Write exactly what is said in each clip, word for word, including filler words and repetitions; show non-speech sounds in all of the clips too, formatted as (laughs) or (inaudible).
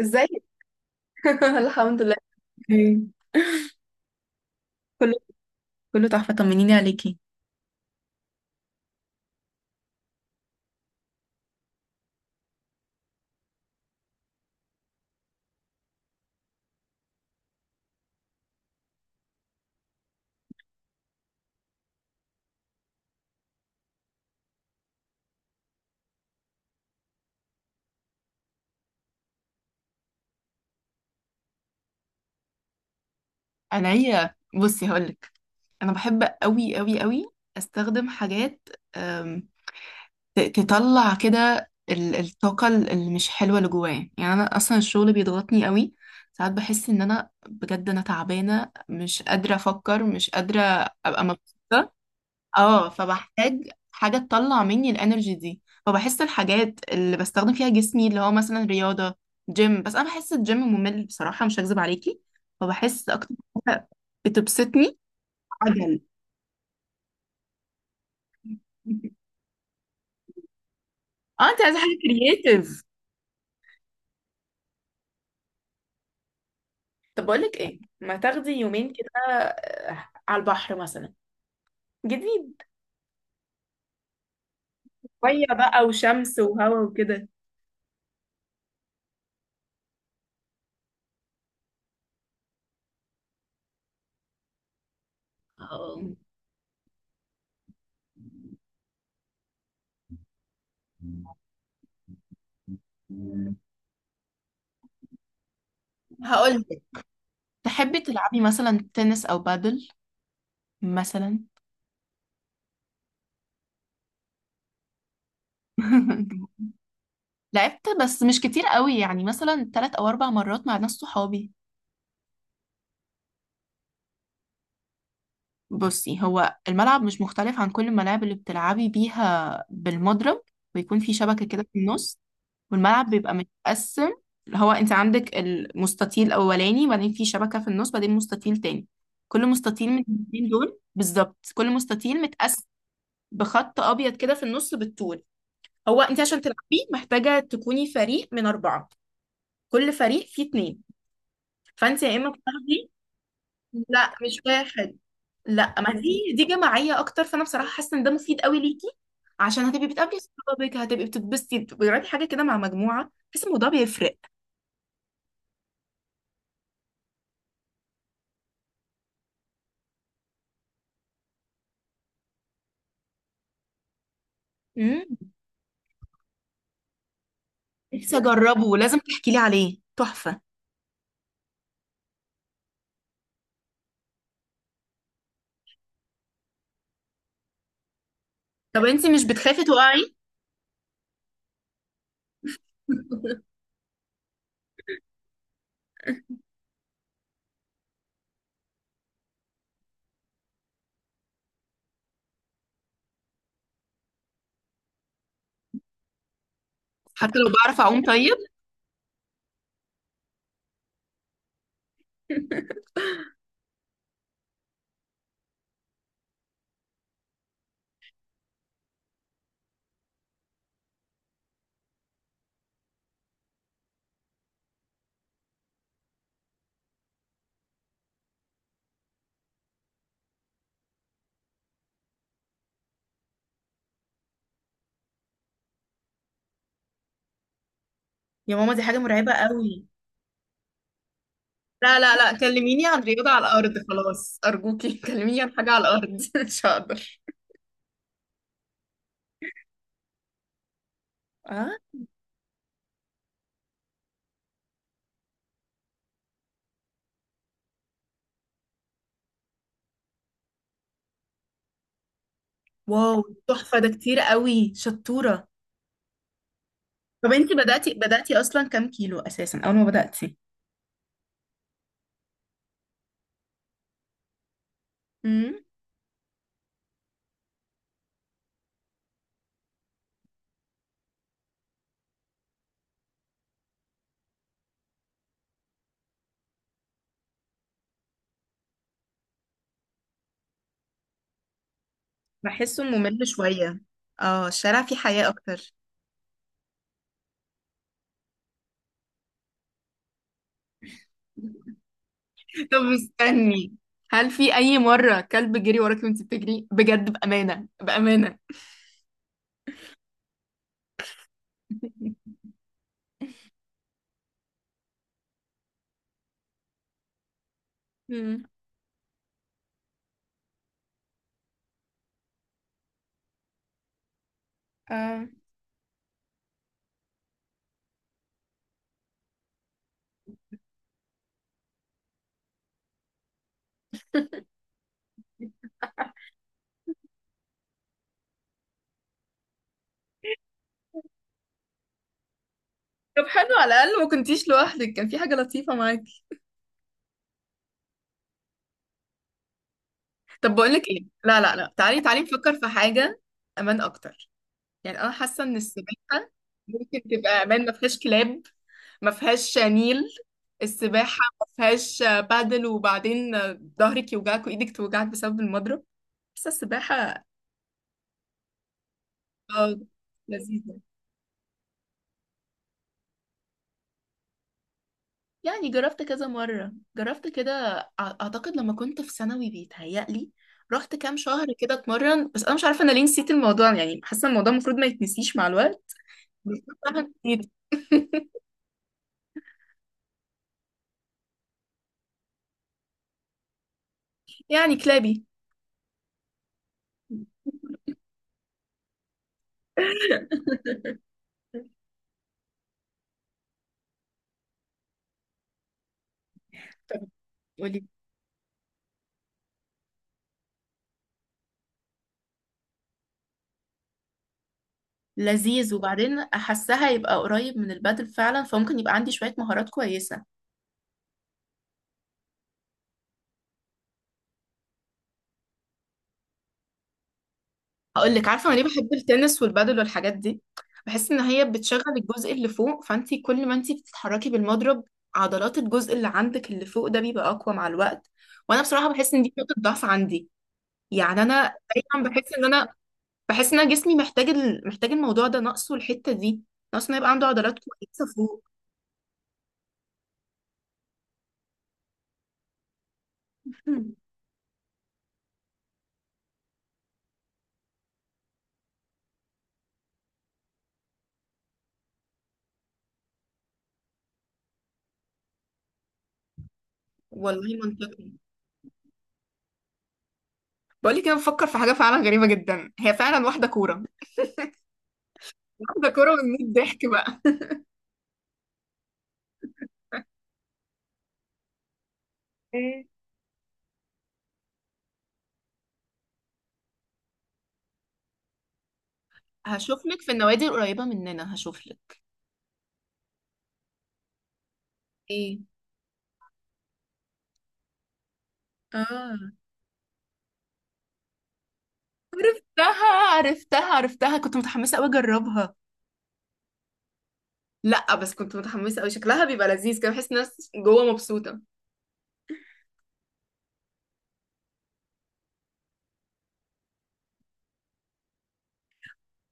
ازيك؟ (laughs) الحمد لله. إيه. كله. كله تحفة، طمنيني عليكي. انا هي بصي، هقولك، انا بحب قوي قوي قوي. استخدم حاجات، أم، ت- تطلع كده ال- الطاقه ال- اللي مش حلوه اللي جوايا. يعني انا اصلا الشغل بيضغطني قوي، ساعات بحس ان انا بجد انا تعبانه، مش قادره افكر، مش قادره ابقى مبسوطه. اه، فبحتاج حاجة تطلع مني الانرجي دي، فبحس الحاجات اللي بستخدم فيها جسمي اللي هو مثلا رياضة، جيم. بس انا بحس الجيم ممل بصراحة، مش هكذب عليكي. فبحس اكتر حاجة بتبسطني. عجل. اه، انت عايزة حاجة كرييتيف. طب بقولك ايه، ما تاخدي يومين كده آه، على البحر مثلا. جديد. ميه بقى وشمس وهوا وكده. اه، هقول لك. تحبي تلعبي مثلا تنس او بادل، مثلا. (laughs) لعبت، بس مش كتير قوي، يعني مثلا تلات او اربع مرات مع ناس صحابي. بصي، هو الملعب مش مختلف عن كل الملاعب اللي بتلعبي بيها بالمضرب، ويكون في شبكة كده في النص، والملعب بيبقى متقسم. اللي هو انت عندك المستطيل الاولاني، بعدين في شبكة في النص، بعدين مستطيل تاني. كل مستطيل من الاتنين دول بالظبط، كل مستطيل متقسم بخط ابيض كده في النص بالطول. هو انت عشان تلعبيه محتاجة تكوني فريق من اربعة، كل فريق فيه اتنين. فانت يا اما بتاخدي. لا، مش واحد. لا، ما دي دي جماعيه اكتر، فانا بصراحه حاسه ان ده مفيد قوي ليكي. عشان هتبقي بتقابلي صحابك، هتبقي بتتبسطي، بتجربي حاجه كده مع مجموعه، بحس الموضوع بيفرق. امم. نفسي اجربه، لازم تحكي لي عليه، تحفه. طب انت مش بتخافي تقعي؟ (laughs) حتى لو بعرف اعوم طيب؟ يا ماما، دي حاجه مرعبه قوي. لا لا لا، كلميني عن رياضه على الارض، خلاص ارجوكي. (laughs) كلميني عن حاجه على الارض، (laughs) مش هقدر. اه. واو، تحفه، ده كتير قوي، شطوره. طب انتي بدأتي، بدأتي اصلا كام كيلو اساسا اول ما بدأتي؟ امم. بحسه ممل شوية. اه، الشارع فيه حياة اكتر. (laughs) طب استني، هل في أي مرة كلب جري وراكي وانت بتجري بجد؟ بأمانة، بأمانة. (laughs) امم. اه. طب حلو، على الأقل ما كنتيش لوحدك، كان في حاجة لطيفة معاكي. طب بقولك ايه، لا لا لا، تعالي تعالي نفكر في حاجة أمان أكتر. يعني انا حاسه ان السباحه ممكن تبقى امان، ما فيهاش كلاب، ما فيهاش نيل. السباحه ما فيهاش بادل، وبعدين ظهرك يوجعك وايدك توجعك بسبب المضرب. حاسه السباحه اه لذيذه. يعني جربت كذا مره، جربت كده، أع- اعتقد لما كنت في ثانوي، بيتهيألي رحت كام شهر كده اتمرن، بس انا مش عارفه انا ليه نسيت الموضوع. يعني حاسه الموضوع المفروض ما يتنسيش مع الوقت. (laughs) بس أنا نسيته. (laughs) يعني كلابي. طب قولي. لذيذ، وبعدين احسها يبقى قريب من البادل فعلا، فممكن يبقى عندي شوية مهارات كويسة. هقول لك عارفه انا ليه بحب التنس والبادل والحاجات دي. بحس ان هي بتشغل الجزء اللي فوق، فانت كل ما انت بتتحركي بالمضرب، عضلات الجزء اللي عندك اللي فوق ده بيبقى اقوى مع الوقت. وانا بصراحه بحس ان دي نقطه ضعف عندي. يعني انا دايما بحس ان انا بحس ان انا جسمي محتاج ال... محتاج الموضوع ده، ناقصه الحته دي، ناقصه انه يبقى عنده عضلات كويسه فوق. (laughs) والله منطقي. بقولك انا بفكر في حاجه فعلا غريبه جدا، هي فعلا واحده كوره، واحده كوره من مية ضحك بقى. ايه، هشوف لك في النوادي القريبه مننا، هشوف لك. ايه. اه. عرفتها عرفتها عرفتها، كنت متحمسه قوي اجربها. لا، بس كنت متحمسه قوي، شكلها بيبقى لذيذ كده، بحس الناس جوه مبسوطه.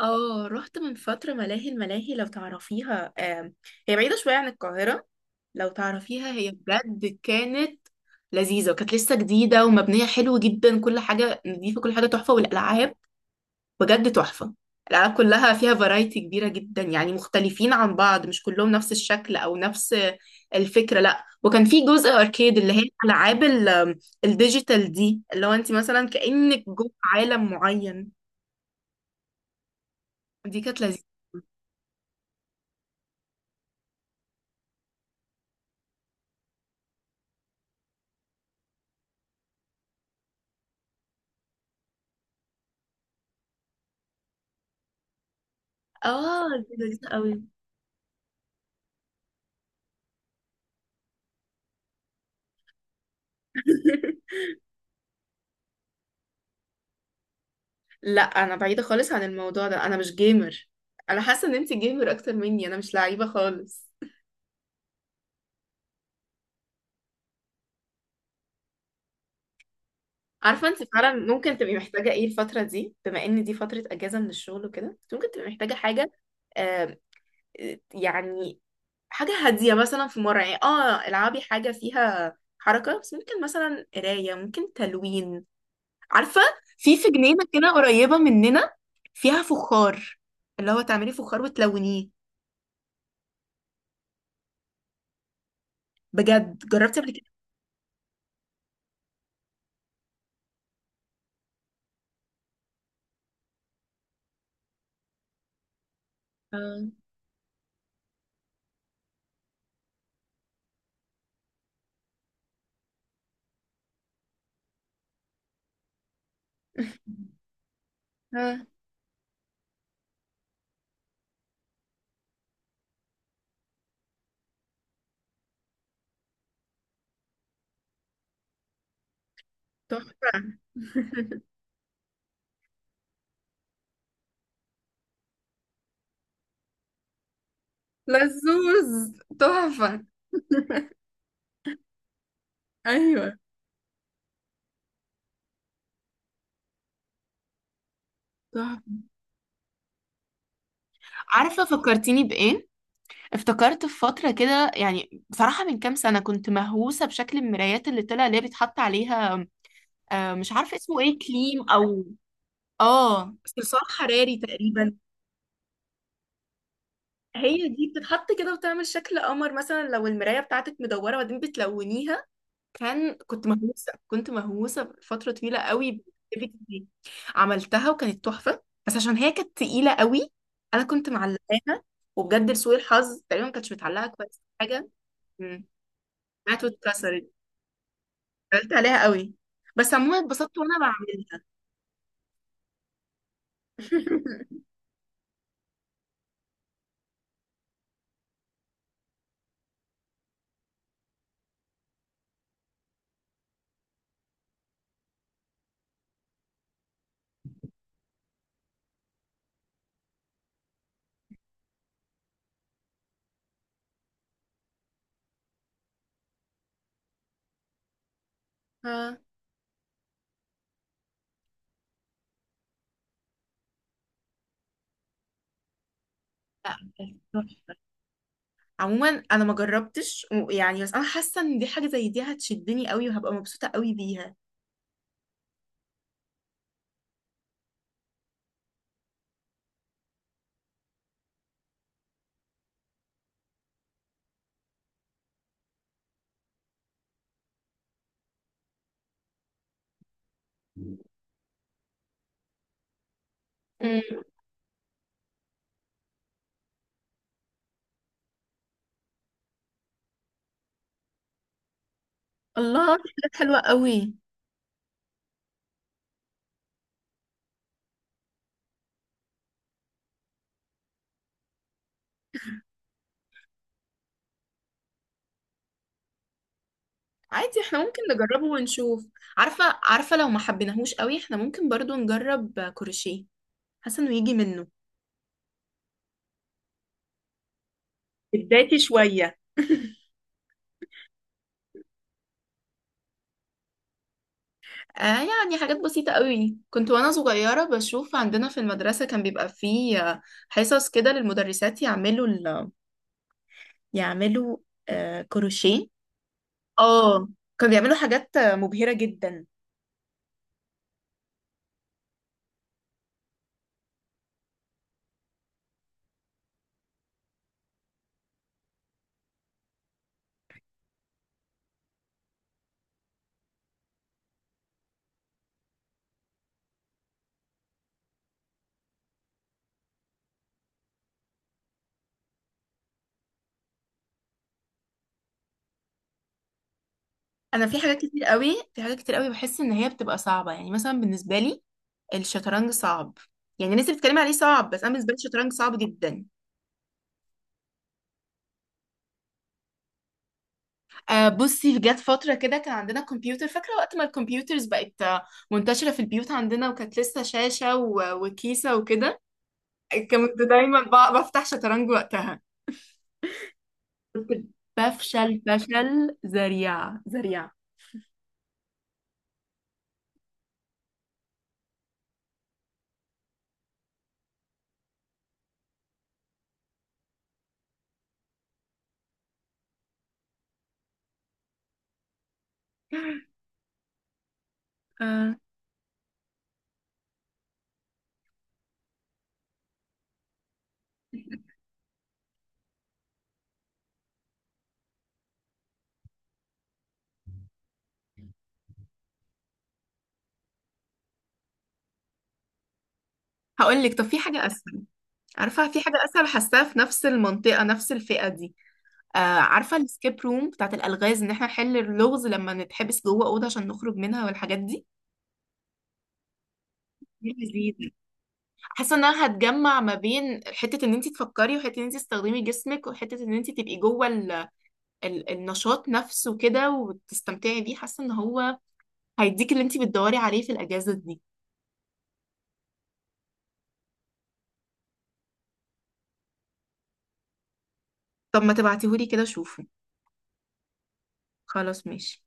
اه، رحت من فترة ملاهي، الملاهي لو تعرفيها آم، هي بعيدة شوية عن القاهرة. لو تعرفيها هي بجد كانت لذيذة، وكانت لسه جديدة ومبنية حلو جدا. كل حاجة نضيفة، كل حاجة تحفة، والألعاب بجد تحفة. الألعاب كلها فيها فرايتي كبيرة جدا، يعني مختلفين عن بعض، مش كلهم نفس الشكل أو نفس الفكرة. لا، وكان في جزء أركيد، اللي هي الألعاب ال- الديجيتال دي، اللي هو أنت مثلا كأنك جوه عالم معين. دي كانت لذيذة. اه، دي لذيذة قوي. (laughs) لا، انا بعيده خالص عن الموضوع ده، انا مش جيمر. انا حاسه ان انت جيمر اكتر مني، انا مش لعيبه خالص. عارفه انت فعلا ممكن تبقي محتاجه ايه الفتره دي، بما ان دي فتره اجازه من الشغل وكده، انت ممكن تبقي محتاجه حاجه. آه، يعني حاجه هاديه، مثلا في مره يعني اه العبي حاجه فيها حركه، بس ممكن مثلا قرايه، ممكن تلوين. عارفه، في في جنينه كده قريبه مننا فيها فخار، اللي هو تعملي فخار وتلونيه. بجد، جربتي قبل كده؟ اه. اه. تحفة. (laughs) لزوز، تحفة. ايوه، تحفة. عارفة فكرتيني بإيه؟ افتكرت في فترة كده، يعني بصراحة من كام سنة كنت مهووسة بشكل المرايات اللي طلع، اللي هي بيتحط عليها، آه مش عارفة اسمه ايه، كليم أو اه صلصال حراري تقريبا. هي دي بتتحط كده وتعمل شكل قمر مثلا لو المراية بتاعتك مدورة، وبعدين بتلونيها. كان، كنت مهووسة، كنت مهووسة فترة طويلة قوي بالاكتيفيتي دي. عملتها وكانت تحفة، بس عشان هي كانت تقيلة قوي أنا كنت معلقاها، وبجد لسوء الحظ تقريبا ما كانتش متعلقة كويس حاجة. امم. طلعت واتكسرت، قلت عليها قوي. بس عموما اتبسطت وأنا بعملها. (laughs) ها. لا، كانت تحفة. عموما انا ما جربتش و- يعني، بس انا حاسه ان دي، حاجه زي دي هتشدني قوي وهبقى مبسوطه قوي بيها. امم. الله، في حاجات حلوه قوي. عادي، احنا ممكن نجربه ونشوف. عارفة عارفة لو ما حبيناهوش قوي احنا ممكن برضو نجرب كروشيه، حاسة انه يجي منه بدايتي شوية. (laughs) آه، يعني حاجات بسيطة قوي، كنت وانا صغيرة بشوف عندنا في المدرسة كان بيبقى فيه آه، حصص كده للمدرسات يعملوا ال... يعملوا آه كروشيه. اه، كانوا بيعملوا حاجات آه، مبهرة جدا. انا في حاجات كتير قوي في حاجات كتير قوي بحس ان هي بتبقى صعبه، يعني مثلا بالنسبه لي الشطرنج صعب. يعني الناس اللي بتتكلم عليه صعب، بس انا بالنسبه لي الشطرنج صعب جدا. آه بصي، جت فتره كده كان عندنا كمبيوتر، فاكره وقت ما الكمبيوترز بقت آه، منتشره في البيوت عندنا، وكانت لسه شاشه و- وكيسه وكده. كنت دايما ب- بفتح شطرنج وقتها، كنت بفشل فشل ذريع ذريع. آه هقول لك، طب في حاجه اسهل. عارفه في حاجه اسهل حاساها في نفس المنطقه، نفس الفئه دي. آه عارفة السكيب روم بتاعت الألغاز، إن احنا نحل اللغز لما نتحبس جوه أوضة عشان نخرج منها والحاجات دي. دي لذيذة، حاسة إن أنا هتجمع ما بين حتة إن أنت تفكري، وحتة إن أنت تستخدمي جسمك، وحتة إن أنت تبقي جوه ال... ال... النشاط نفسه كده وتستمتعي بيه، حاسة إن هو هيديك اللي أنت بتدوري عليه في الأجازة دي. طب ما تبعتيهولي كده شوفه. خلاص، ماشي.